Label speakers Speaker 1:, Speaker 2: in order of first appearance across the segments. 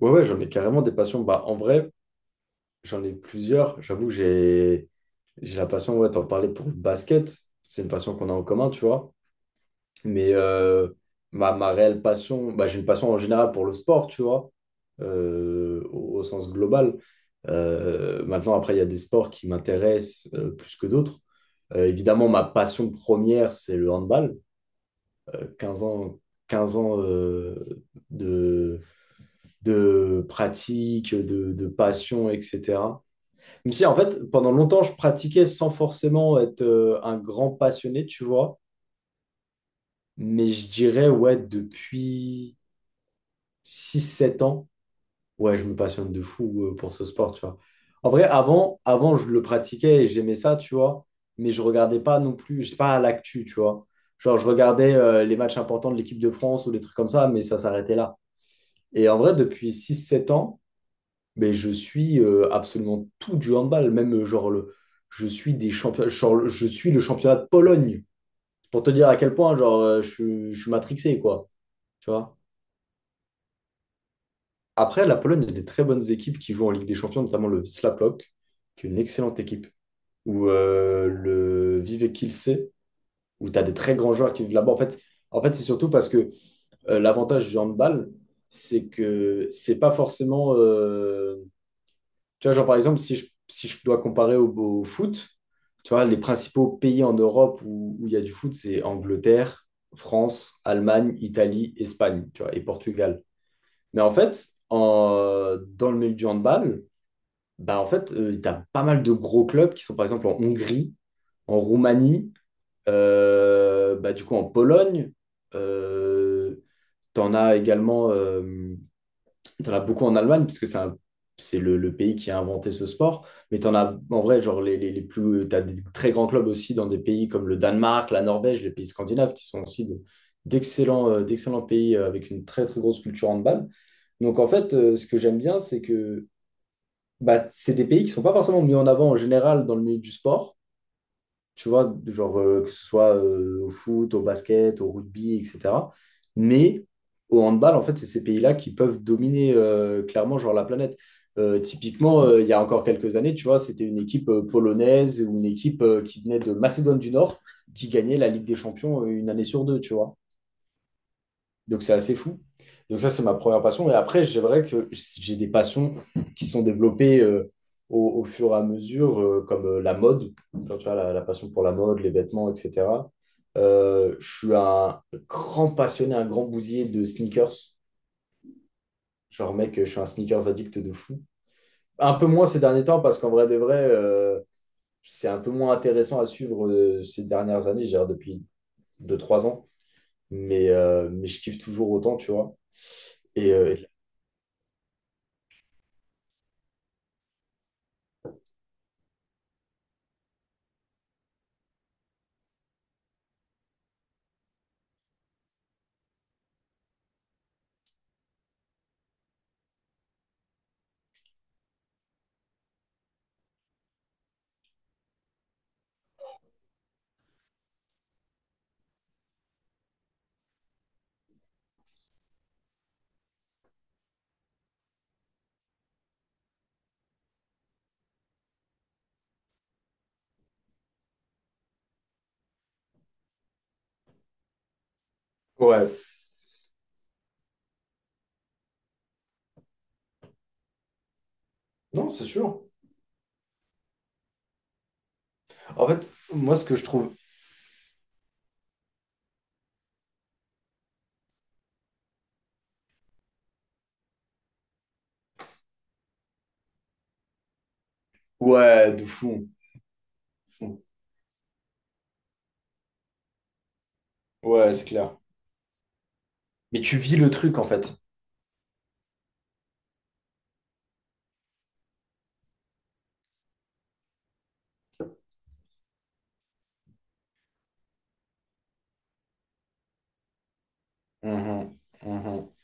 Speaker 1: Ouais, ouais, j'en ai carrément des passions. Bah, en vrai, j'en ai plusieurs. J'avoue, j'ai la passion, ouais, t'en parlais pour le basket. C'est une passion qu'on a en commun, tu vois. Mais ma réelle passion, bah, j'ai une passion en général pour le sport, tu vois, au sens global. Maintenant, après, il y a des sports qui m'intéressent plus que d'autres. Évidemment, ma passion première, c'est le handball. Euh, 15 ans, quinze ans de pratique, de passion, etc. Même si, en fait, pendant longtemps, je pratiquais sans forcément être un grand passionné, tu vois. Mais je dirais, ouais, depuis six sept ans, ouais, je me passionne de fou pour ce sport, tu vois. En vrai, avant, je le pratiquais et j'aimais ça, tu vois. Mais je regardais pas non plus, j'étais pas à l'actu, tu vois. Genre, je regardais les matchs importants de l'équipe de France ou des trucs comme ça, mais ça s'arrêtait là. Et en vrai, depuis six sept ans, mais je suis absolument tout du handball, même genre je suis des champions, je suis le championnat de Pologne, pour te dire à quel point genre je suis matrixé quoi, tu vois. Après, la Pologne, il y a des très bonnes équipes qui jouent en Ligue des Champions, notamment le Wisła Płock, qui est une excellente équipe, ou le Vive Kielce, où tu as des très grands joueurs qui vivent là-bas. En fait, c'est surtout parce que l'avantage du handball, c'est que c'est pas forcément tu vois, genre par exemple, si je dois comparer au foot, tu vois, les principaux pays en Europe où il y a du foot, c'est Angleterre, France, Allemagne, Italie, Espagne, tu vois, et Portugal. Mais en fait, dans le milieu du handball, bah en fait, tu as pas mal de gros clubs qui sont par exemple en Hongrie, en Roumanie, bah, du coup en Pologne, euh, tu en as également. T'en as beaucoup en Allemagne, puisque c'est c'est le pays qui a inventé ce sport. Mais t'en as, en vrai, genre, les plus, t'as des très grands clubs aussi dans des pays comme le Danemark, la Norvège, les pays scandinaves, qui sont aussi d'excellents pays avec une très, très grosse culture handball. Donc, en fait, ce que j'aime bien, c'est que bah, c'est des pays qui sont pas forcément mis en avant en général dans le milieu du sport, tu vois, genre que ce soit au foot, au basket, au rugby, etc. Mais au handball, en fait, c'est ces pays-là qui peuvent dominer clairement genre la planète. Typiquement, il y a encore quelques années, tu vois, c'était une équipe polonaise ou une équipe qui venait de Macédoine du Nord qui gagnait la Ligue des Champions une année sur deux, tu vois. Donc c'est assez fou. Donc ça, c'est ma première passion. Et après, c'est vrai que j'ai des passions qui sont développées au fur et à mesure, comme la mode. Genre, tu vois, la passion pour la mode, les vêtements, etc. Je suis un grand passionné, un grand bousier de sneakers. Genre, mec, je suis un sneakers addict de fou. Un peu moins ces derniers temps, parce qu'en vrai de vrai, c'est un peu moins intéressant à suivre ces dernières années, j'ai depuis deux trois ans. Mais je kiffe toujours autant, tu vois. Et, euh, et... Ouais, non, c'est sûr. En fait, moi, ce que je trouve. Ouais, de fou. Ouais, c'est clair. Mais tu vis le truc, en fait. Mhm, mhm,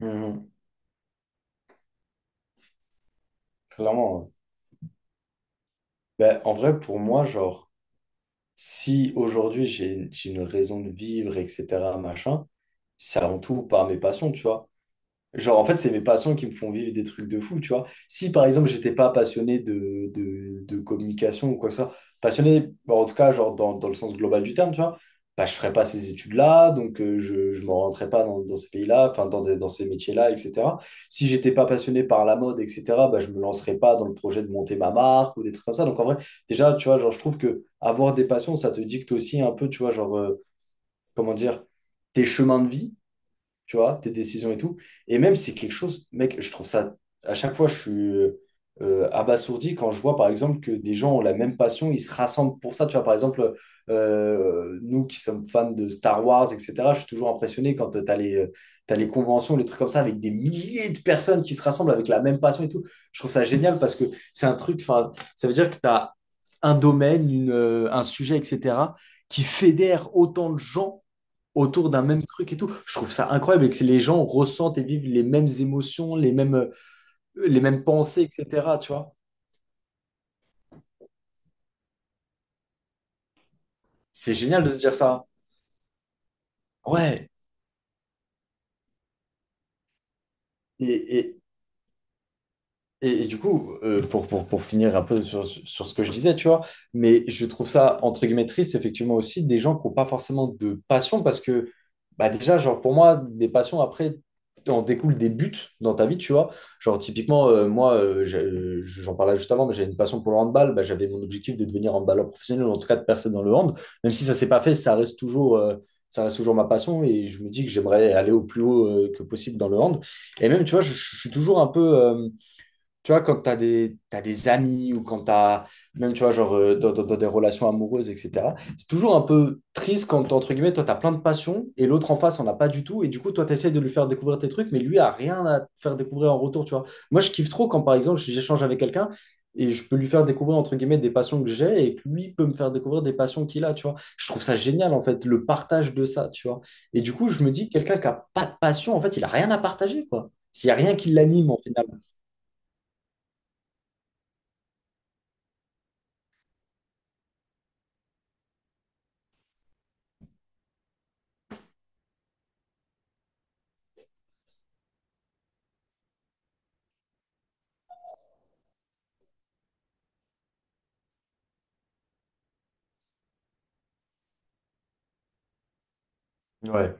Speaker 1: mhm. Clairement. Ouais. Ben, en vrai, pour moi, genre, si aujourd'hui j'ai une raison de vivre, etc., machin, c'est avant tout par mes passions, tu vois. Genre, en fait, c'est mes passions qui me font vivre des trucs de fou, tu vois. Si, par exemple, j'étais pas passionné de communication ou quoi que ce soit, passionné, bon, en tout cas, genre, dans le sens global du terme, tu vois, bah, je ferais pas ces études-là, donc je me rentrais pas dans ces pays-là, enfin, dans ces métiers-là, etc. Si j'étais pas passionné par la mode, etc., bah, je me lancerais pas dans le projet de monter ma marque ou des trucs comme ça. Donc, en vrai, déjà, tu vois, genre, je trouve que avoir des passions, ça te dicte aussi un peu, tu vois, genre, comment dire, tes chemins de vie, tu vois, tes décisions et tout. Et même, c'est quelque chose, mec, je trouve ça, à chaque fois, je suis abasourdi quand je vois, par exemple, que des gens ont la même passion, ils se rassemblent pour ça. Tu vois, par exemple, nous qui sommes fans de Star Wars, etc., je suis toujours impressionné quand tu as t'as les conventions, les trucs comme ça, avec des milliers de personnes qui se rassemblent avec la même passion et tout. Je trouve ça génial parce que c'est un truc, enfin, ça veut dire que tu as un domaine, un sujet, etc., qui fédère autant de gens autour d'un même truc et tout. Je trouve ça incroyable et que les gens ressentent et vivent les mêmes émotions, les mêmes pensées, etc. Tu vois? C'est génial de se dire ça. Ouais. Et, et du coup, pour finir un peu sur ce que je disais, tu vois, mais je trouve ça, entre guillemets, triste, effectivement, aussi, des gens qui n'ont pas forcément de passion, parce que, bah déjà, genre, pour moi, des passions, après, en découlent des buts dans ta vie, tu vois. Genre, typiquement, moi, j'en parlais juste avant, mais j'avais une passion pour le handball, bah, j'avais mon objectif de devenir handballeur professionnel, ou en tout cas de percer dans le hand. Même si ça s'est pas fait, ça reste toujours ma passion, et je me dis que j'aimerais aller au plus haut, que possible dans le hand. Et même, tu vois, je suis toujours un peu, tu vois, quand tu as t'as des amis ou quand tu as, même, tu vois, genre, dans des relations amoureuses, etc., c'est toujours un peu triste quand, entre guillemets, toi, tu as plein de passion et l'autre en face, on a pas du tout. Et du coup, toi, tu essaies de lui faire découvrir tes trucs, mais lui a rien à te faire découvrir en retour, tu vois. Moi, je kiffe trop quand, par exemple, j'échange avec quelqu'un et je peux lui faire découvrir, entre guillemets, des passions que j'ai et que lui peut me faire découvrir des passions qu'il a, tu vois. Je trouve ça génial, en fait, le partage de ça, tu vois. Et du coup, je me dis, quelqu'un qui a pas de passion, en fait, il a rien à partager, quoi. S'il n'y a rien qui l'anime, en final. Ouais.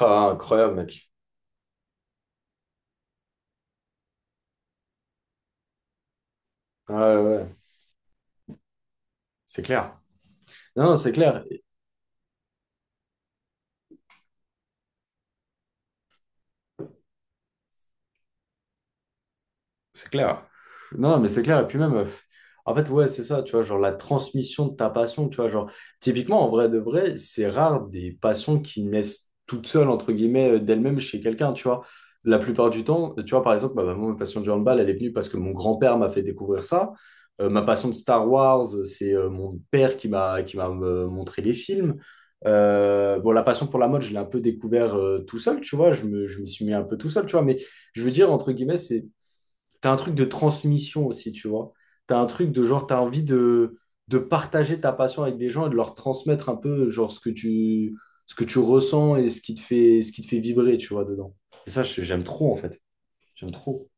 Speaker 1: Ah, incroyable, mec. Ouais, ouais, ouais. C'est clair. Non, non, c'est clair. C'est clair. Non, mais c'est clair. Et puis même, en fait, ouais, c'est ça, tu vois, genre la transmission de ta passion, tu vois, genre, typiquement, en vrai de vrai, c'est rare des passions qui naissent toutes seules, entre guillemets, d'elles-mêmes chez quelqu'un, tu vois. La plupart du temps, tu vois, par exemple, bah, moi, ma passion du handball, elle est venue parce que mon grand-père m'a fait découvrir ça. Ma passion de Star Wars, c'est mon père qui m'a montré les films. Bon, la passion pour la mode, je l'ai un peu découvert tout seul, tu vois, je m'y suis mis un peu tout seul, tu vois, mais je veux dire, entre guillemets, c'est T'as un truc de transmission aussi, tu vois. T'as un truc de genre, t'as envie de partager ta passion avec des gens et de leur transmettre un peu genre ce que tu ressens et ce qui te fait vibrer, tu vois, dedans. Et ça, j'aime trop, en fait. J'aime trop.